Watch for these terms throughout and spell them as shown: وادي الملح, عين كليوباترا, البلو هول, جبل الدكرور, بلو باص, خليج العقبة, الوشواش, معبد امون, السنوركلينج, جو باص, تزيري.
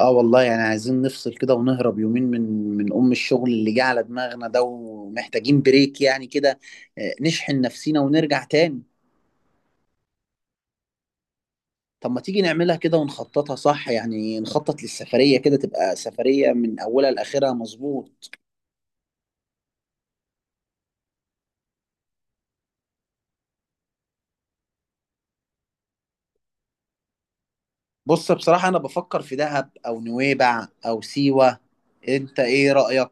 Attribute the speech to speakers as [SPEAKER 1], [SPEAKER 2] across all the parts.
[SPEAKER 1] اه والله يعني عايزين نفصل كده ونهرب يومين من ام الشغل اللي جه على دماغنا ده ومحتاجين بريك يعني كده. نشحن نفسينا ونرجع تاني. طب ما تيجي نعملها كده ونخططها صح، يعني نخطط للسفرية كده تبقى سفرية من اولها لاخرها، مظبوط. بص بصراحة انا بفكر في دهب او نويبع او سيوة، انت ايه رأيك؟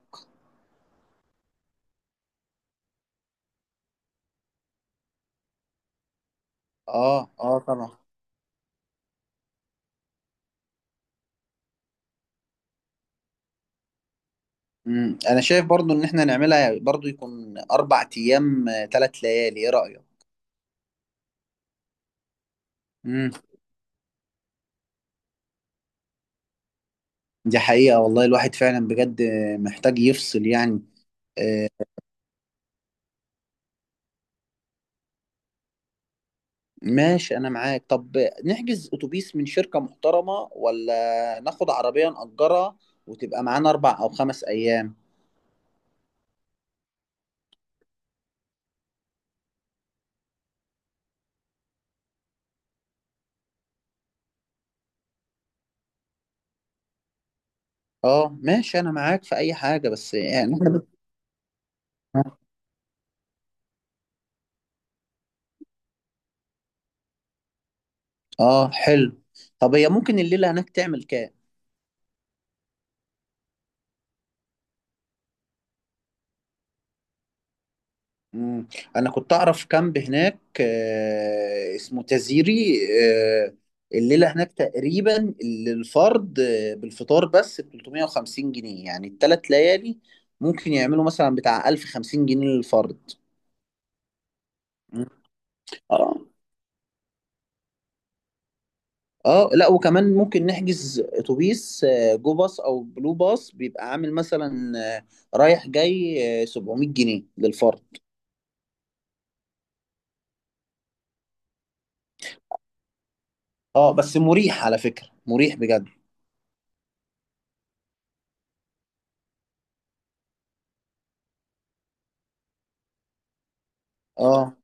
[SPEAKER 1] اه طبعا. مم. انا شايف برضو ان احنا نعملها برضو يكون اربع ايام، ثلاث ليالي، ايه رأيك؟ مم. دي حقيقة والله، الواحد فعلا بجد محتاج يفصل يعني. آه، ماشي أنا معاك. طب نحجز أتوبيس من شركة محترمة ولا ناخد عربية نأجرها وتبقى معانا أربع أو خمس أيام؟ أه ماشي أنا معاك في أي حاجة، بس يعني أه حلو. طب هي ممكن الليلة هناك تعمل كام؟ مم. انا كنت اعرف كامب هناك اسمه تزيري. آه، الليله هناك تقريبا للفرد بالفطار بس ب 350 جنيه، يعني الثلاث ليالي ممكن يعملوا مثلا بتاع 1050 جنيه للفرد. مم. اه. اه لا وكمان ممكن نحجز اتوبيس جو باص او بلو باص، بيبقى عامل مثلا رايح جاي 700 جنيه للفرد. اه بس مريح، على فكره مريح بجد. اه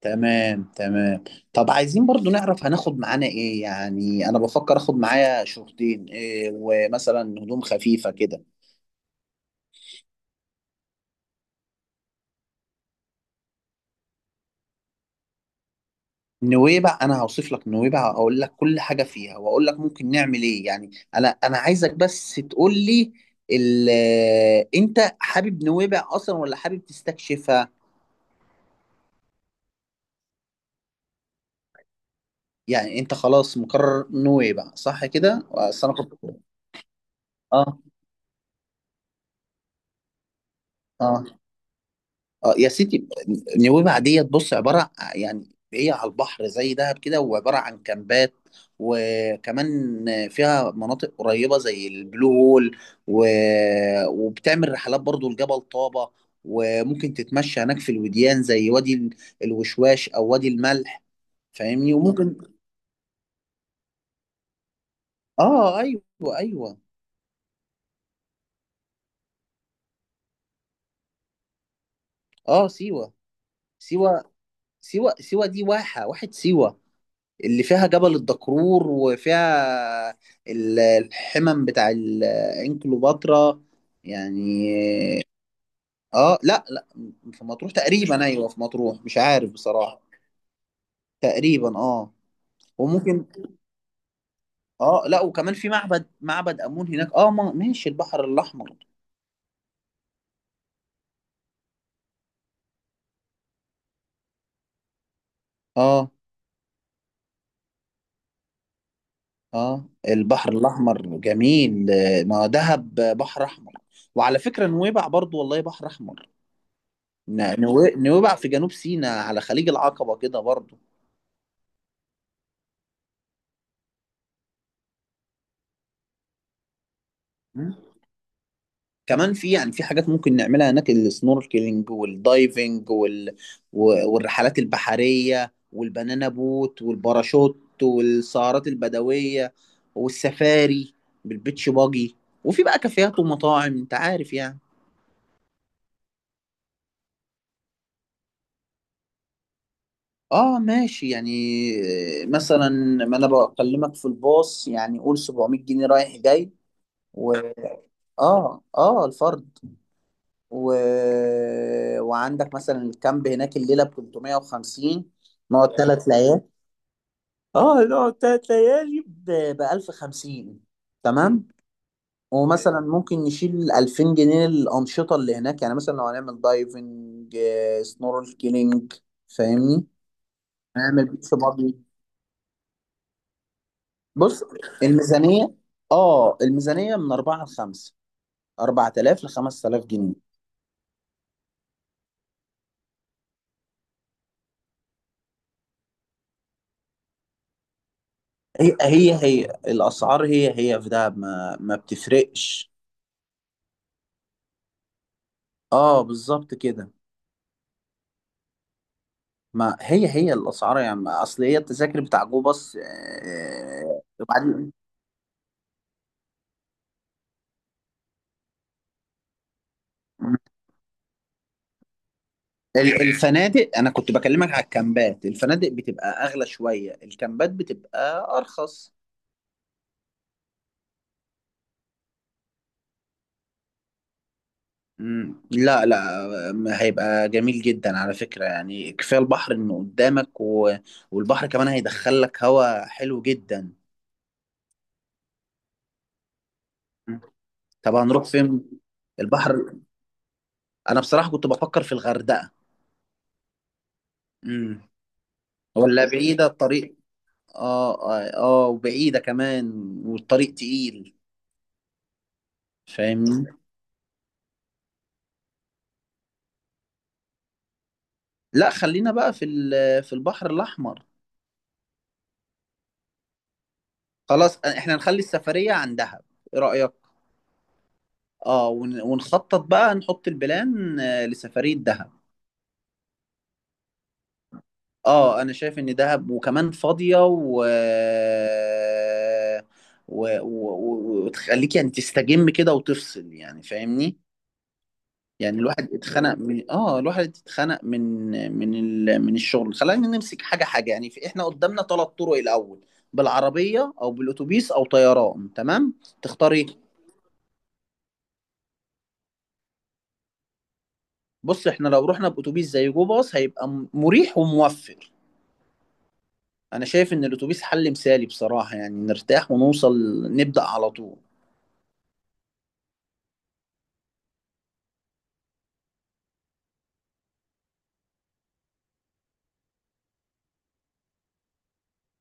[SPEAKER 1] تمام. طب عايزين برضو نعرف هناخد معانا ايه، يعني انا بفكر اخد معايا شورتين إيه ومثلا هدوم خفيفة كده. نويبع انا هوصف لك نويبع، اقول لك كل حاجة فيها واقول لك ممكن نعمل ايه يعني. انا عايزك بس تقول لي انت حابب نويبع اصلا ولا حابب تستكشفها؟ يعني انت خلاص مقرر نويبع صح كده، اصل انا كنت. اه اه. اه يا سيدي، نويبع ديت بص عباره يعني هي على البحر زي دهب كده وعباره عن كامبات، وكمان فيها مناطق قريبه زي البلو هول و... وبتعمل رحلات برضو لجبل طابه، وممكن تتمشى هناك في الوديان زي وادي الوشواش او وادي الملح، فاهمني. وممكن اه ايوه ايوه. اه سيوه سيوه، سيوه دي واحه سيوه، اللي فيها جبل الدكرور، وفيها الحمم بتاع عين كليوباترا يعني. اه لا لا، في مطروح تقريبا، ايوه في مطروح، مش عارف بصراحة. تقريبا اه. وممكن اه لا، وكمان في معبد، معبد امون هناك. اه ماشي البحر الاحمر. اه اه البحر الاحمر جميل، ما دهب بحر احمر. وعلى فكرة نويبع برضو والله بحر احمر. نويبع في جنوب سيناء على خليج العقبة كده برضو. مم. كمان في، يعني في حاجات ممكن نعملها هناك: السنوركلينج والدايفنج والرحلات البحرية والبنانا بوت والباراشوت والسهرات البدوية والسفاري بالبيتش باجي، وفي بقى كافيهات ومطاعم انت عارف يعني. اه ماشي يعني. مثلا، ما انا بكلمك في الباص، يعني قول 700 جنيه رايح جاي و. اه الفرد. و... وعندك مثلا الكامب هناك، الليله ب 350. نقعد ثلاث ليالي. اه نقعد ثلاث ليالي ب 1050، تمام. ومثلا ممكن نشيل 2000 جنيه الانشطه اللي هناك، يعني مثلا لو هنعمل دايفنج، سنوركلينج، فاهمني، هنعمل بيتش باجي. بص، الميزانيه اه الميزانيه من 4 ل 5، 4000 ل 5000 جنيه. هي الاسعار هي في دهب، ما بتفرقش. اه بالظبط كده. ما هي الاسعار يعني، اصل هي التذاكر بتاع جو باص وبعدين الفنادق، انا كنت بكلمك على الكامبات، الفنادق بتبقى اغلى شويه، الكامبات بتبقى ارخص. مم. لا لا، ما هيبقى جميل جدا على فكره، يعني كفايه البحر انه قدامك والبحر كمان هيدخل لك هواء حلو جدا. مم. طب هنروح فين؟ البحر. انا بصراحه كنت بفكر في الغردقه. امم. ولا بعيده الطريق. اه اه، وبعيدة كمان، والطريق تقيل، فاهمني. لا خلينا بقى في في البحر الأحمر. خلاص احنا نخلي السفرية عن دهب، ايه رأيك؟ اه، ونخطط بقى، نحط البلان لسفرية دهب. اه انا شايف ان دهب وكمان فاضية وتخليك يعني تستجم كده وتفصل، يعني فاهمني. يعني الواحد اتخنق من، اه الواحد اتخنق من من الشغل. خلينا نمسك حاجه يعني، في احنا قدامنا ثلاث طرق الاول: بالعربيه او بالاتوبيس او طيران، تمام؟ تختار ايه؟ بص احنا لو رحنا باتوبيس زي جو باص هيبقى مريح وموفر. انا شايف ان الاتوبيس حل مثالي بصراحه، يعني نرتاح ونوصل نبدا على طول.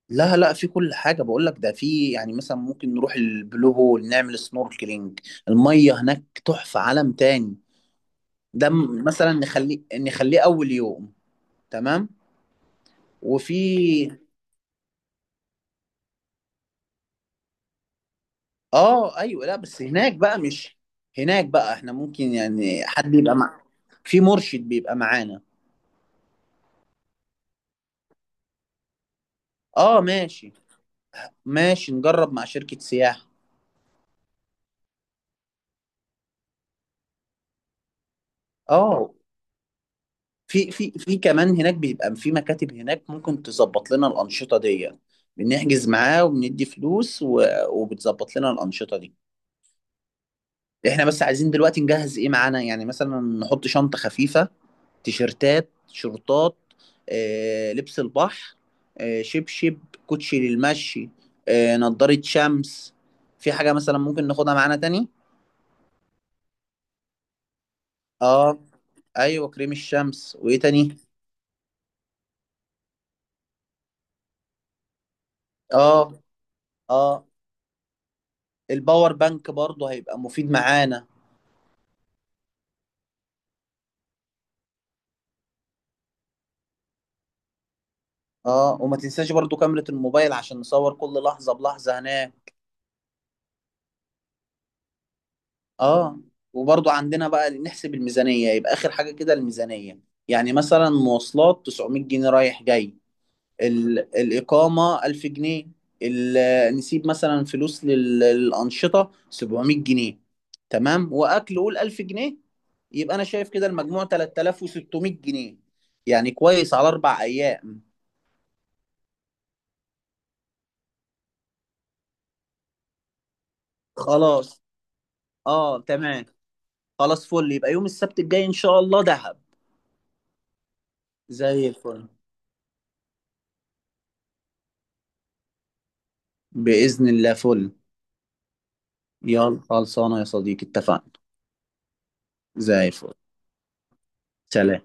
[SPEAKER 1] لا لا، في كل حاجه، بقول لك ده في، يعني مثلا ممكن نروح البلو هول نعمل سنوركلينج، الميه هناك تحفه، عالم تاني. ده م- مثلا نخليه اول يوم، تمام. وفي اه ايوه، لا بس هناك بقى مش. هناك بقى احنا ممكن يعني حد يبقى مع، في مرشد بيبقى معانا. اه ماشي. ماشي نجرب مع شركة سياحة. اه في كمان هناك بيبقى في مكاتب هناك ممكن تظبط لنا الأنشطة دي، بنحجز معاه وبندي فلوس وبتظبط لنا الأنشطة دي. احنا بس عايزين دلوقتي نجهز ايه معانا، يعني مثلا نحط شنطة خفيفة: تيشرتات، شورتات، لبس البحر، شبشب، كوتشي للمشي، نضارة شمس. في حاجة مثلا ممكن ناخدها معانا تاني؟ اه ايوه، كريم الشمس، وايه تاني؟ اه اه الباور بانك برضه هيبقى مفيد معانا. اه، وما تنساش برضه كاميرا الموبايل عشان نصور كل لحظة بلحظة هناك. اه، وبرضو عندنا بقى نحسب الميزانية، يبقى آخر حاجة كده الميزانية. يعني مثلا مواصلات 900 جنيه رايح جاي، الإقامة 1000 جنيه، ال... نسيب مثلا فلوس للأنشطة 700 جنيه، تمام، وأكل قول 1000 جنيه، يبقى أنا شايف كده المجموع 3600 جنيه، يعني كويس على أربع أيام. خلاص اه تمام. خلاص فل، يبقى يوم السبت الجاي إن شاء الله دهب. زي الفل. بإذن الله فل. يلا خلصانة يا صديقي، اتفقنا. زي الفل. سلام.